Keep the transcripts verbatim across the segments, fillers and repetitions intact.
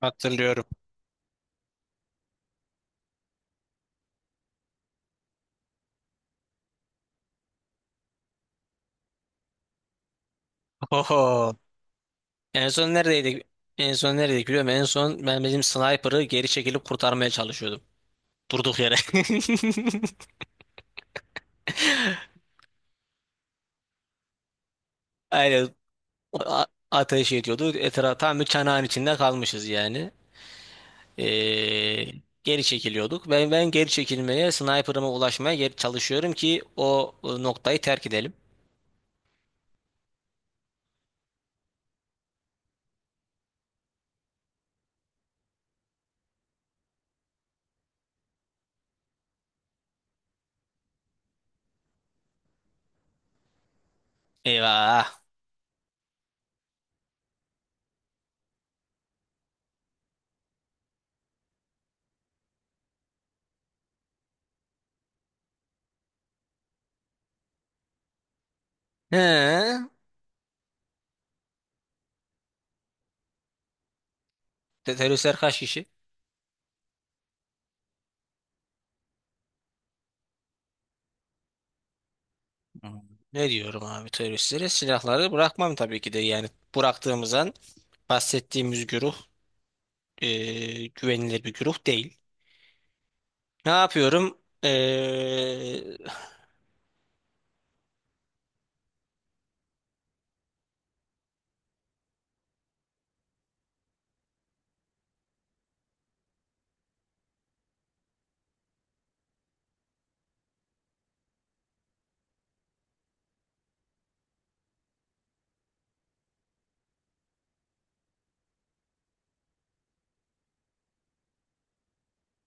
Hatırlıyorum. Oho. En son neredeydik? En son neredeydik biliyorum. En son ben bizim sniper'ı geri çekilip kurtarmaya çalışıyordum. Durduk yere. Aynen. A- ateş ediyordu. Etrafa tam bir çanağın içinde kalmışız yani. Ee, geri çekiliyorduk. Ben ben geri çekilmeye, sniper'ıma ulaşmaya geri çalışıyorum ki o, o noktayı terk edelim. Eyvah. He. Te- Teröristler kaç kişi? Hmm. Ne diyorum abi teröristlere? Silahları bırakmam tabii ki de. Yani bıraktığımızdan bahsettiğimiz güruh e, güvenilir bir güruh değil. Ne yapıyorum? E,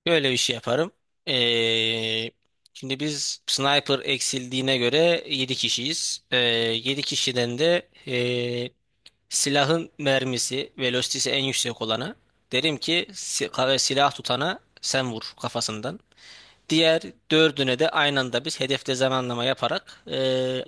böyle bir şey yaparım. E, şimdi biz sniper eksildiğine göre yedi kişiyiz. E, yedi kişiden de e, silahın mermisi, velocity'si en yüksek olana derim ki si- ka- silah tutana sen vur kafasından. Diğer dördüne de aynı anda biz hedefte zamanlama yaparak. eee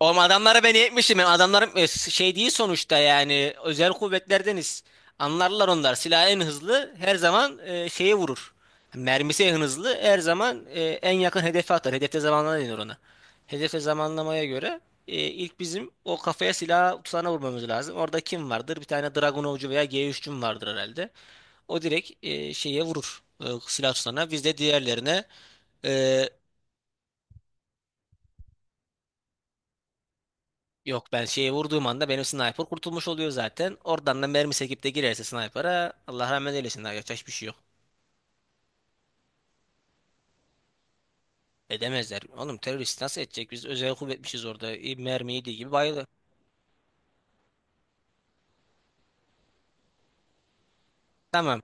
oğlum adamlara ben yetmişim. Yani adamlarım e, şey değil sonuçta yani özel kuvvetlerdeniz. Anlarlar onlar. Silah en hızlı her zaman e, şeye vurur. Mermisi en hızlı her zaman e, en yakın hedefe atar. Hedefte zamanlama denir ona. Hedefte zamanlamaya göre e, ilk bizim o kafaya silah tutana vurmamız lazım. Orada kim vardır? Bir tane Dragunovcu veya G üç'cüm vardır herhalde. O direkt e, şeye vurur. E, silah tutanına. Biz de diğerlerine e, yok ben şeye vurduğum anda benim sniper kurtulmuş oluyor zaten. Oradan da mermi sekip de girerse sniper'a Allah rahmet eylesin. Daha yapacak hiçbir şey yok. Edemezler. Oğlum terörist nasıl edecek? Biz özel kuvvetmişiz orada. E, mermi yediği gibi bayılır. Tamam.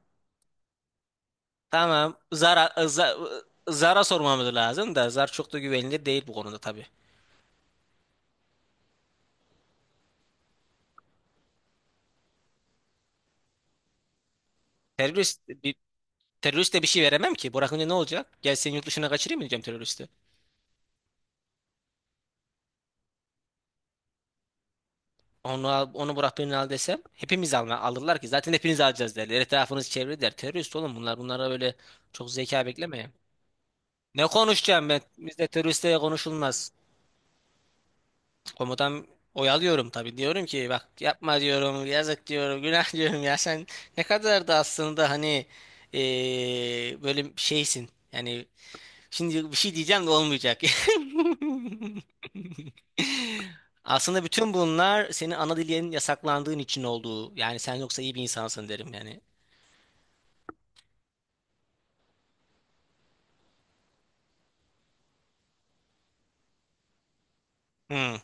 Tamam. Zara, za, Zara sormamız lazım da Zar çok da güvenilir değil bu konuda tabii. Terörist bir teröriste bir şey veremem ki. Bırakınca ne olacak? Gel seni yurt dışına kaçırayım mı diyeceğim teröriste? Onu al- onu bırak birini al desem hepimiz alma, alırlar ki zaten hepiniz alacağız derler. Etrafınız çevre der. Terörist oğlum bunlar bunlara böyle çok zeka bekleme. Ne konuşacağım ben? Bizde teröristle konuşulmaz. Komutan oyalıyorum tabii. Diyorum ki bak yapma diyorum yazık diyorum günah diyorum ya sen ne kadar da aslında hani eee, böyle şeysin. Yani şimdi bir şey diyeceğim de olmayacak. Aslında bütün bunlar senin ana dilinin yasaklandığın için olduğu. Yani sen yoksa iyi bir insansın derim yani. Hmm.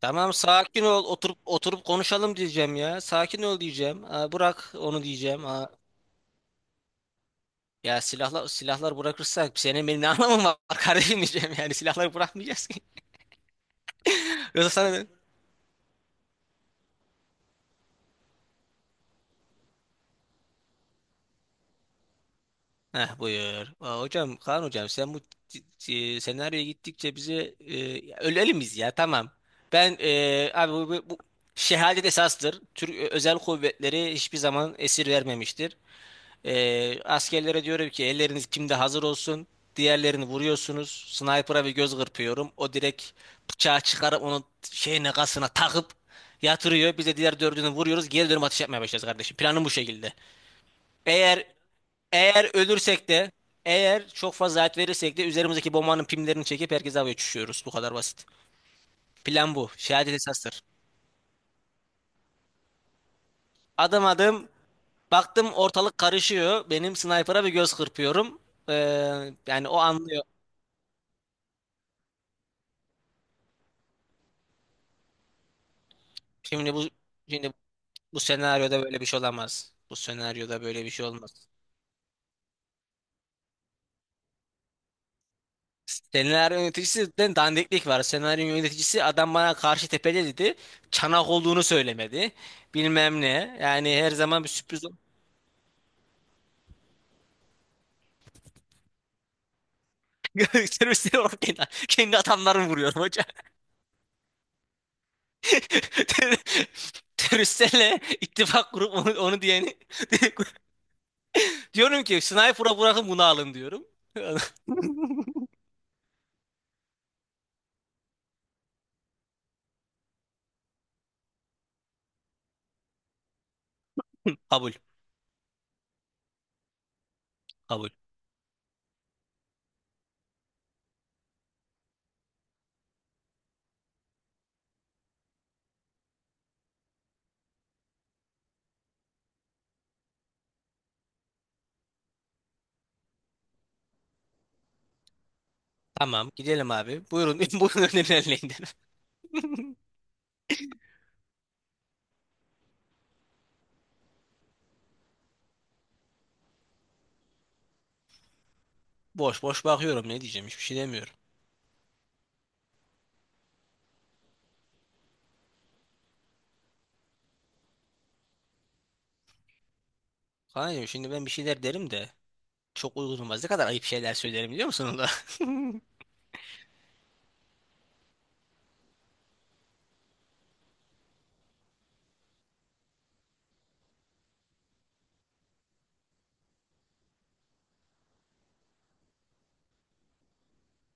Tamam sakin ol oturup oturup konuşalım diyeceğim ya. Sakin ol diyeceğim. Aa, bırak onu diyeceğim. Aa, ya silahlar silahlar bırakırsak senin benim ne anlamım var kardeşim diyeceğim. Yani silahları bırakmayacağız ki. Yoksa sana. Heh, buyur. Aa, hocam Kaan hocam sen bu c- c- senaryoya gittikçe bize e, ölelim biz ya tamam. Ben e, abi bu, bu, bu şehadet esastır. Türk e, özel kuvvetleri hiçbir zaman esir vermemiştir. E, askerlere diyorum ki elleriniz kimde hazır olsun. Diğerlerini vuruyorsunuz. Sniper'a bir göz kırpıyorum. O direkt bıçağı çıkarıp onun şeyine kasına takıp yatırıyor. Biz de diğer dördünü vuruyoruz. Geri dönüp atış yapmaya başlarız kardeşim. Planım bu şekilde. Eğer eğer ölürsek de eğer çok fazla hayat verirsek de üzerimizdeki bombanın pimlerini çekip herkese havaya uçuşuyoruz. Bu kadar basit. Plan bu. Şehadet esastır. Adım adım baktım ortalık karışıyor. Benim sniper'a bir göz kırpıyorum. Ee, yani o anlıyor. Şimdi bu Şimdi bu senaryoda böyle bir şey olamaz. Bu senaryoda böyle bir şey olmaz. Senaryo yöneticisinden dandiklik var. Senaryo yöneticisi adam bana karşı tepede dedi. Çanak olduğunu söylemedi. Bilmem ne. Yani her zaman bir sürpriz. Teröristleri olarak kendi, kendi adamlarımı vuruyorum hocam. Ter- Teröristlerle ittifak kurup onu, onu diyeni diyorum ki sniper'a bırakın bunu alın diyorum. Kabul. Kabul. Tamam gidelim abi. Buyurun buyurun önerilerini. Boş boş bakıyorum ne diyeceğim hiçbir şey demiyorum. Kaan'cığım şimdi ben bir şeyler derim de çok uygun olmaz. Ne kadar ayıp şeyler söylerim biliyor musun?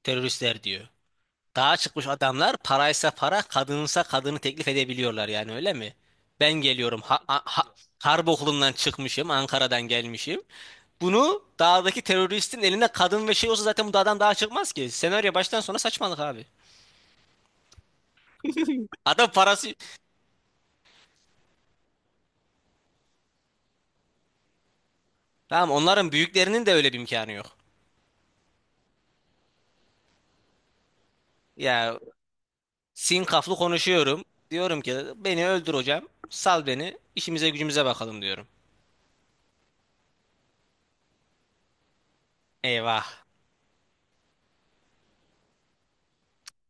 Teröristler diyor. Dağa çıkmış adamlar paraysa para, kadınsa kadını teklif edebiliyorlar yani öyle mi? Ben geliyorum. Ha, ha, ha- harp okulundan çıkmışım, Ankara'dan gelmişim. Bunu dağdaki teröristin eline kadın ve şey olsa zaten bu dağdan daha çıkmaz ki. Senaryo baştan sona saçmalık abi. Adam parası. Tamam onların büyüklerinin de öyle bir imkanı yok. Ya sinkaflı konuşuyorum. Diyorum ki beni öldür hocam. Sal beni. İşimize gücümüze bakalım diyorum. Eyvah.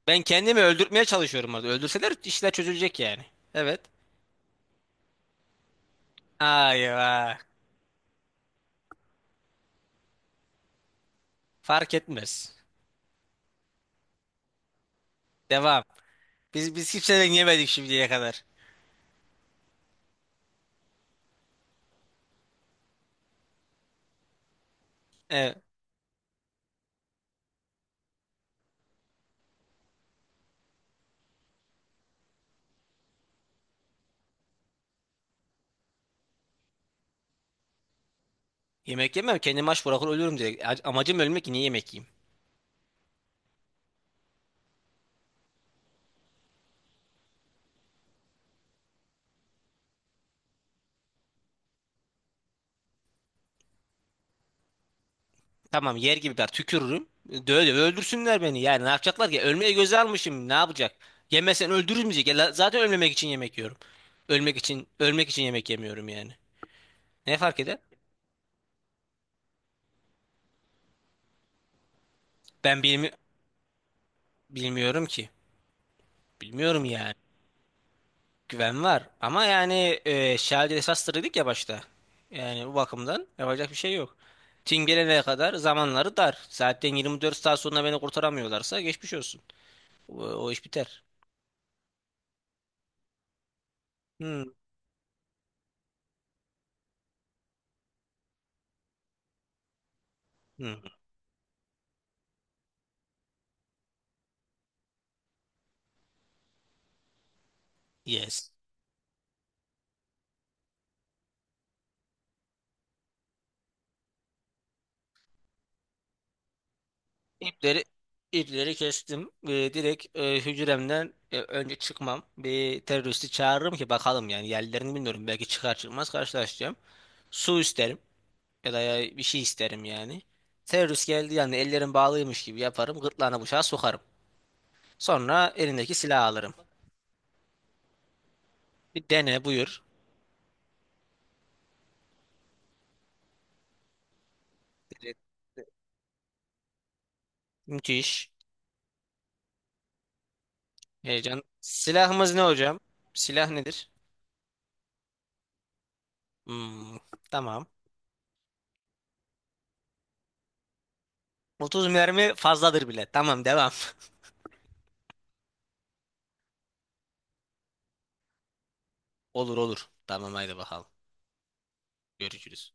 Ben kendimi öldürtmeye çalışıyorum orada. Öldürseler işler çözülecek yani. Evet. Ay vay. Fark etmez. Devam. Biz biz kimseden yemedik şimdiye kadar. Evet. Yemek yemem. Kendimi aç bırakır ölürüm direkt. A- Amacım ölmek niye yemek yiyeyim? Tamam yer gibi ben tükürürüm. Döve döve öldürsünler beni. Yani ne yapacaklar ki? Ölmeye göze almışım. Ne yapacak? Yemesen öldürülmeyecek. Ya, la- zaten ölmemek için yemek yiyorum. Ölmek için ölmek için yemek yemiyorum yani. Ne fark eder? Ben bilmi bilmiyorum ki. Bilmiyorum yani. Güven var. Ama yani e, şahane esas dedik ya başta. Yani bu bakımdan yapacak bir şey yok. Tim gelene kadar zamanları dar. Zaten yirmi dört saat sonra beni kurtaramıyorlarsa geçmiş olsun. O, o iş biter. Hmm. Hmm. Yes. İpleri ipleri kestim. Ee, direkt e, hücremden e, önce çıkmam. Bir teröristi çağırırım ki bakalım yani yerlerini bilmiyorum. Belki çıkar çıkmaz karşılaşacağım. Su isterim ya da ya- bir şey isterim yani. Terörist geldi yani ellerim bağlıymış gibi yaparım. Gırtlağına bıçağı sokarım. Sonra elindeki silahı alırım. Bir dene buyur. Dedi, Müthiş. Heyecan. Silahımız ne hocam? Silah nedir? Hmm, tamam. otuz mermi fazladır bile. Tamam devam. Olur olur. Tamam haydi bakalım. Görüşürüz.